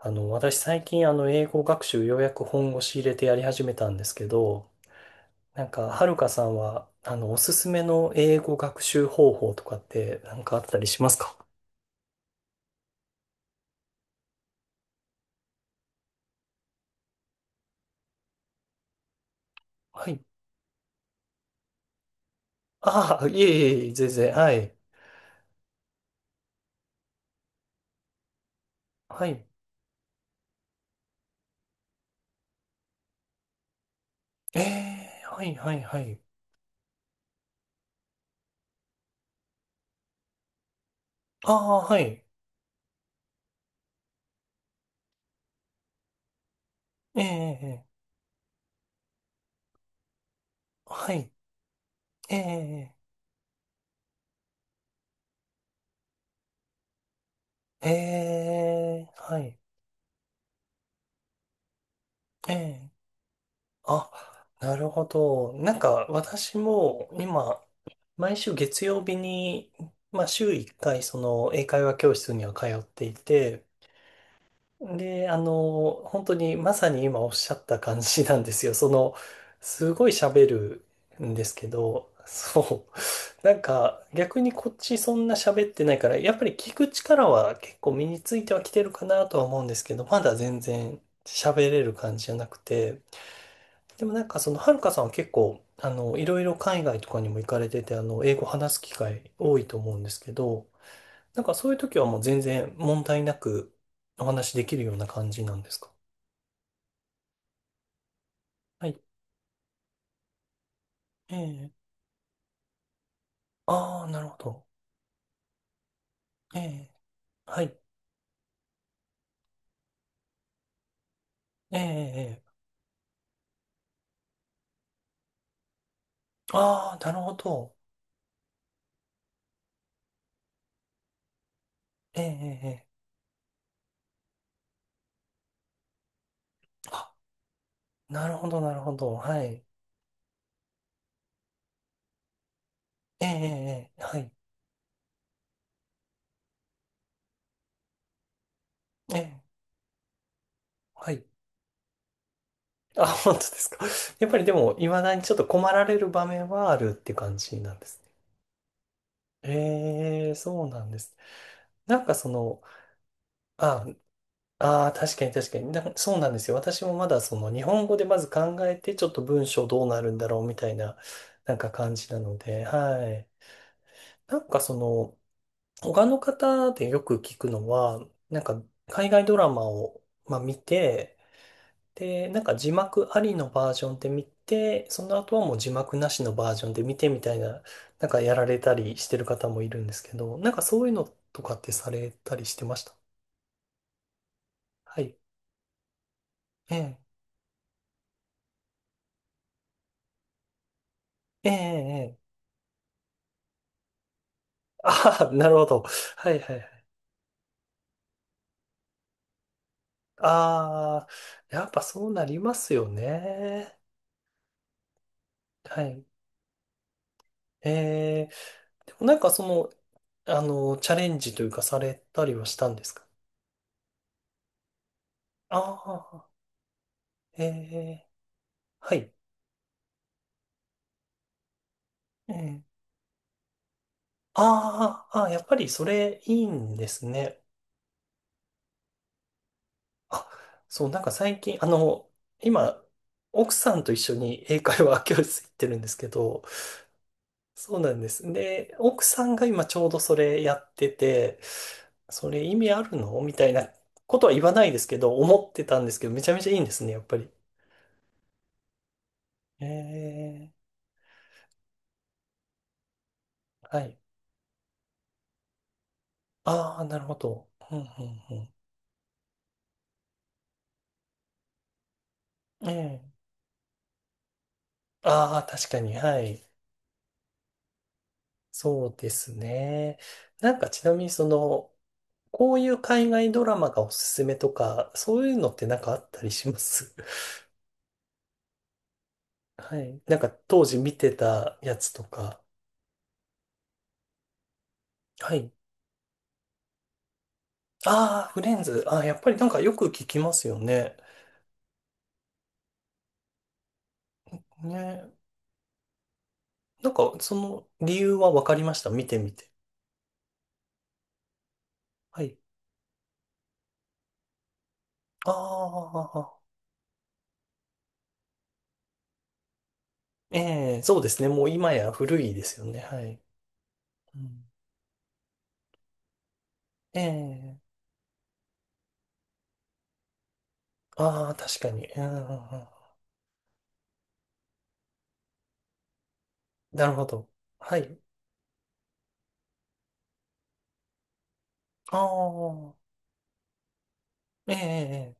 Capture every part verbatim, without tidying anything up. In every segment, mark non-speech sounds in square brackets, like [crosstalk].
あの、私最近あの英語学習ようやく本腰入れてやり始めたんですけど、なんか、はるかさんは、あの、おすすめの英語学習方法とかってなんかあったりしますか？はい。ああ、いえいえいえ、全然、はい。はい。ええ、はいはいはい。ああ、はい。ええ、はい。ええ、ええ、はい。ええ、あ、なるほど。なんか私も今、毎週月曜日に、まあ週いっかいその英会話教室には通っていて、で、あの、本当にまさに今おっしゃった感じなんですよ。その、すごい喋るんですけど、[laughs] そう。なんか逆にこっちそんな喋ってないから、やっぱり聞く力は結構身についてはきてるかなとは思うんですけど、まだ全然喋れる感じじゃなくて、でもなんかその、はるかさんは結構、あの、いろいろ海外とかにも行かれてて、あの、英語話す機会多いと思うんですけど、なんかそういう時はもう全然問題なくお話しできるような感じなんですか？はい。ええ。ああ、なるほど。ええ。はい。ええ。ええ、ああ、なるほど。ええ。ええ、ええ、あ、なるほど、なるほど。はい。ええ。ええ、ええ、はい。ええ。はい。あ、本当ですか。やっぱりでも、いまだにちょっと困られる場面はあるって感じなんですね。ええ、そうなんです。なんかその、あ、あー、確かに確かにな、そうなんですよ。私もまだその日本語でまず考えて、ちょっと文章どうなるんだろうみたいな、なんか感じなので、はい。なんかその、他の方でよく聞くのは、なんか海外ドラマを、まあ、見て、で、なんか字幕ありのバージョンで見て、その後はもう字幕なしのバージョンで見てみたいな、なんかやられたりしてる方もいるんですけど、なんかそういうのとかってされたりしてました？はい。ええ、ええ、ええ。あ [laughs] あ、なるほど。はいはいはい。ああ、やっぱそうなりますよね。はい。ええ、でもなんかその、あの、チャレンジというかされたりはしたんですか？ああー、ええ、はい。ええ、あーあー、やっぱりそれいいんですね。あ、そう、なんか最近、あの、今、奥さんと一緒に英会話教室行ってるんですけど、そうなんです。で、奥さんが今ちょうどそれやってて、それ意味あるのみたいなことは言わないですけど、思ってたんですけど、めちゃめちゃいいんですね、やっぱり。えー、はい。ああ、なるほど。うん、うん、うん。ええ。ああ、確かに、はい。そうですね。なんかちなみにその、こういう海外ドラマがおすすめとか、そういうのってなんかあったりします？ [laughs] はい。なんか当時見てたやつとか。はい。ああ、フレンズ。ああ、やっぱりなんかよく聞きますよね。ね。なんかその理由はわかりました。見てみて。はい。ああ、ええ、そうですね。もう今や古いですよね。はい。うん、ええ、ああ、確かに。うんうんうん、なるほど。はい。ああ、ええ、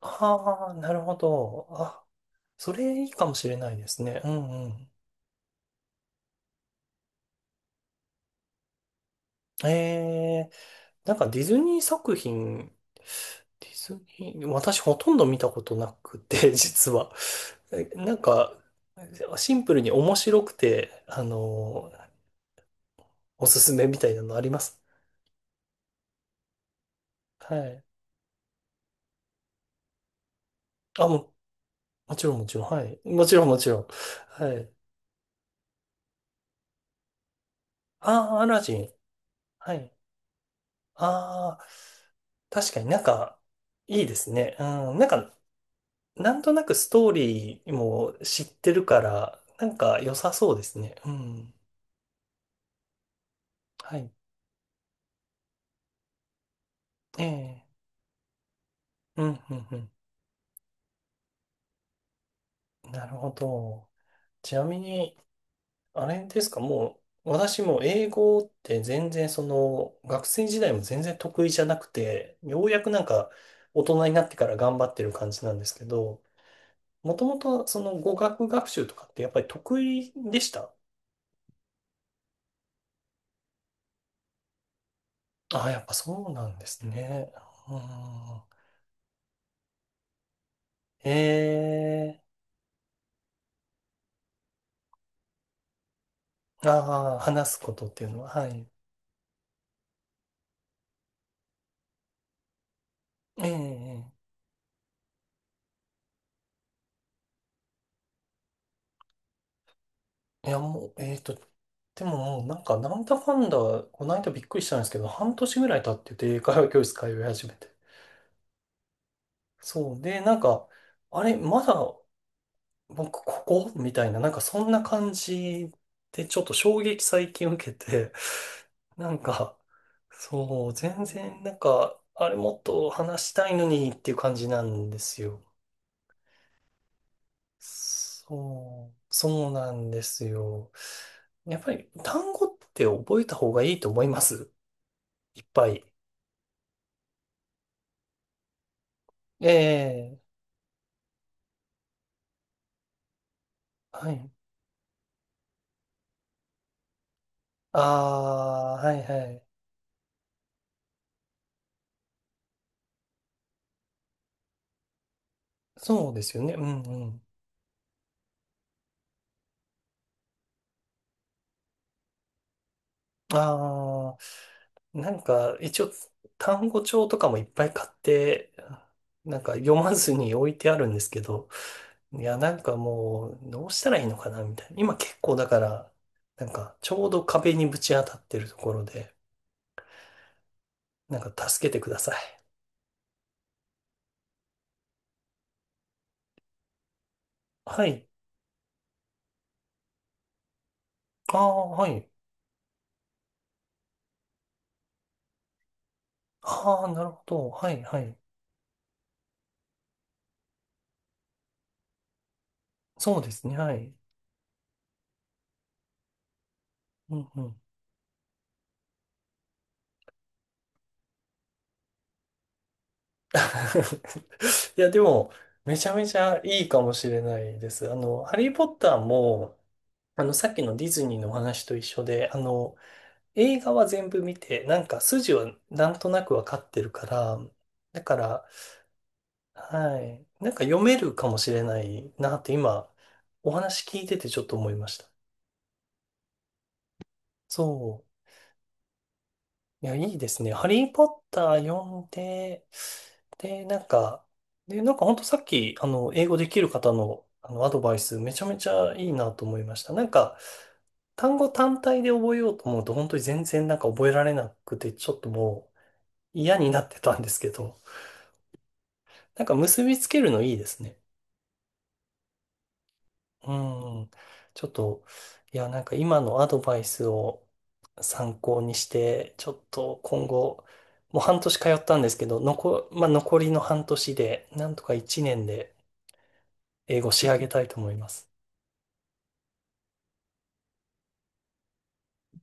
ああ、なるほど。あ、それいいかもしれないですね。うんうん。えー、なんかディズニー作品、ディズニー、私ほとんど見たことなくて、[laughs] 実は。え、なんか、シンプルに面白くて、あの、おすすめみたいなのあります？はい。あ、も、もちろんもちろん。はい。もちろんもちろん。はい。ああ、アラジン。はい。ああ、確かになんか、いいですね。うん。なんか、なんとなくストーリーも知ってるから、なんか良さそうですね。うん。はい。ええ。うん、うん、うん。なるほど。ちなみに、あれですか、もう、私も英語って全然その、学生時代も全然得意じゃなくて、ようやくなんか大人になってから頑張ってる感じなんですけど、もともとその語学学習とかってやっぱり得意でした？ああ、やっぱそうなんですね。うん。ええ。ああ、話すことっていうのは、はい。ええ、ええ、いや、もう、えっと、でももうなんか、なんだかんだ、この間びっくりしたんですけど、半年ぐらい経ってて、英会話教室通い始めて。そう。で、なんか、あれ、まだ、僕、ここみたいな、なんか、そんな感じで、ちょっと衝撃最近受けて、なんか、そう、全然、なんか、あれ、もっと話したいのにっていう感じなんですよ。そう、そうなんですよ。やっぱり単語って覚えた方がいいと思います、いっぱい。ええ、はい。ああ、はいはい。そうですよね。うんうん。ああ、なんか一応単語帳とかもいっぱい買って、なんか読まずに置いてあるんですけど、いや、なんかもうどうしたらいいのかなみたいな。今結構だから、なんかちょうど壁にぶち当たってるところで、なんか助けてください。はい。ああ、はい。ああ、なるほど。はい、はい。そうですね、はい。うんうん。[laughs] いや、でも、めちゃめちゃいいかもしれないです。あの、ハリー・ポッターも、あの、さっきのディズニーのお話と一緒で、あの、映画は全部見て、なんか筋はなんとなくわかってるから、だから、はい。なんか読めるかもしれないなって今、お話聞いててちょっと思いました。そう。いや、いいですね。ハリーポッター読んで、で、なんか、で、なんかほんとさっき、あの、英語できる方の、あの、アドバイス、めちゃめちゃいいなと思いました。なんか、単語単体で覚えようと思うと、本当に全然なんか覚えられなくて、ちょっともう嫌になってたんですけど、なんか結びつけるのいいですね。うん。ちょっと、いや、なんか今のアドバイスを参考にして、ちょっと今後、もう半年通ったんですけど、残、まあ、残りの半年で、なんとかいちねんで英語仕上げたいと思います。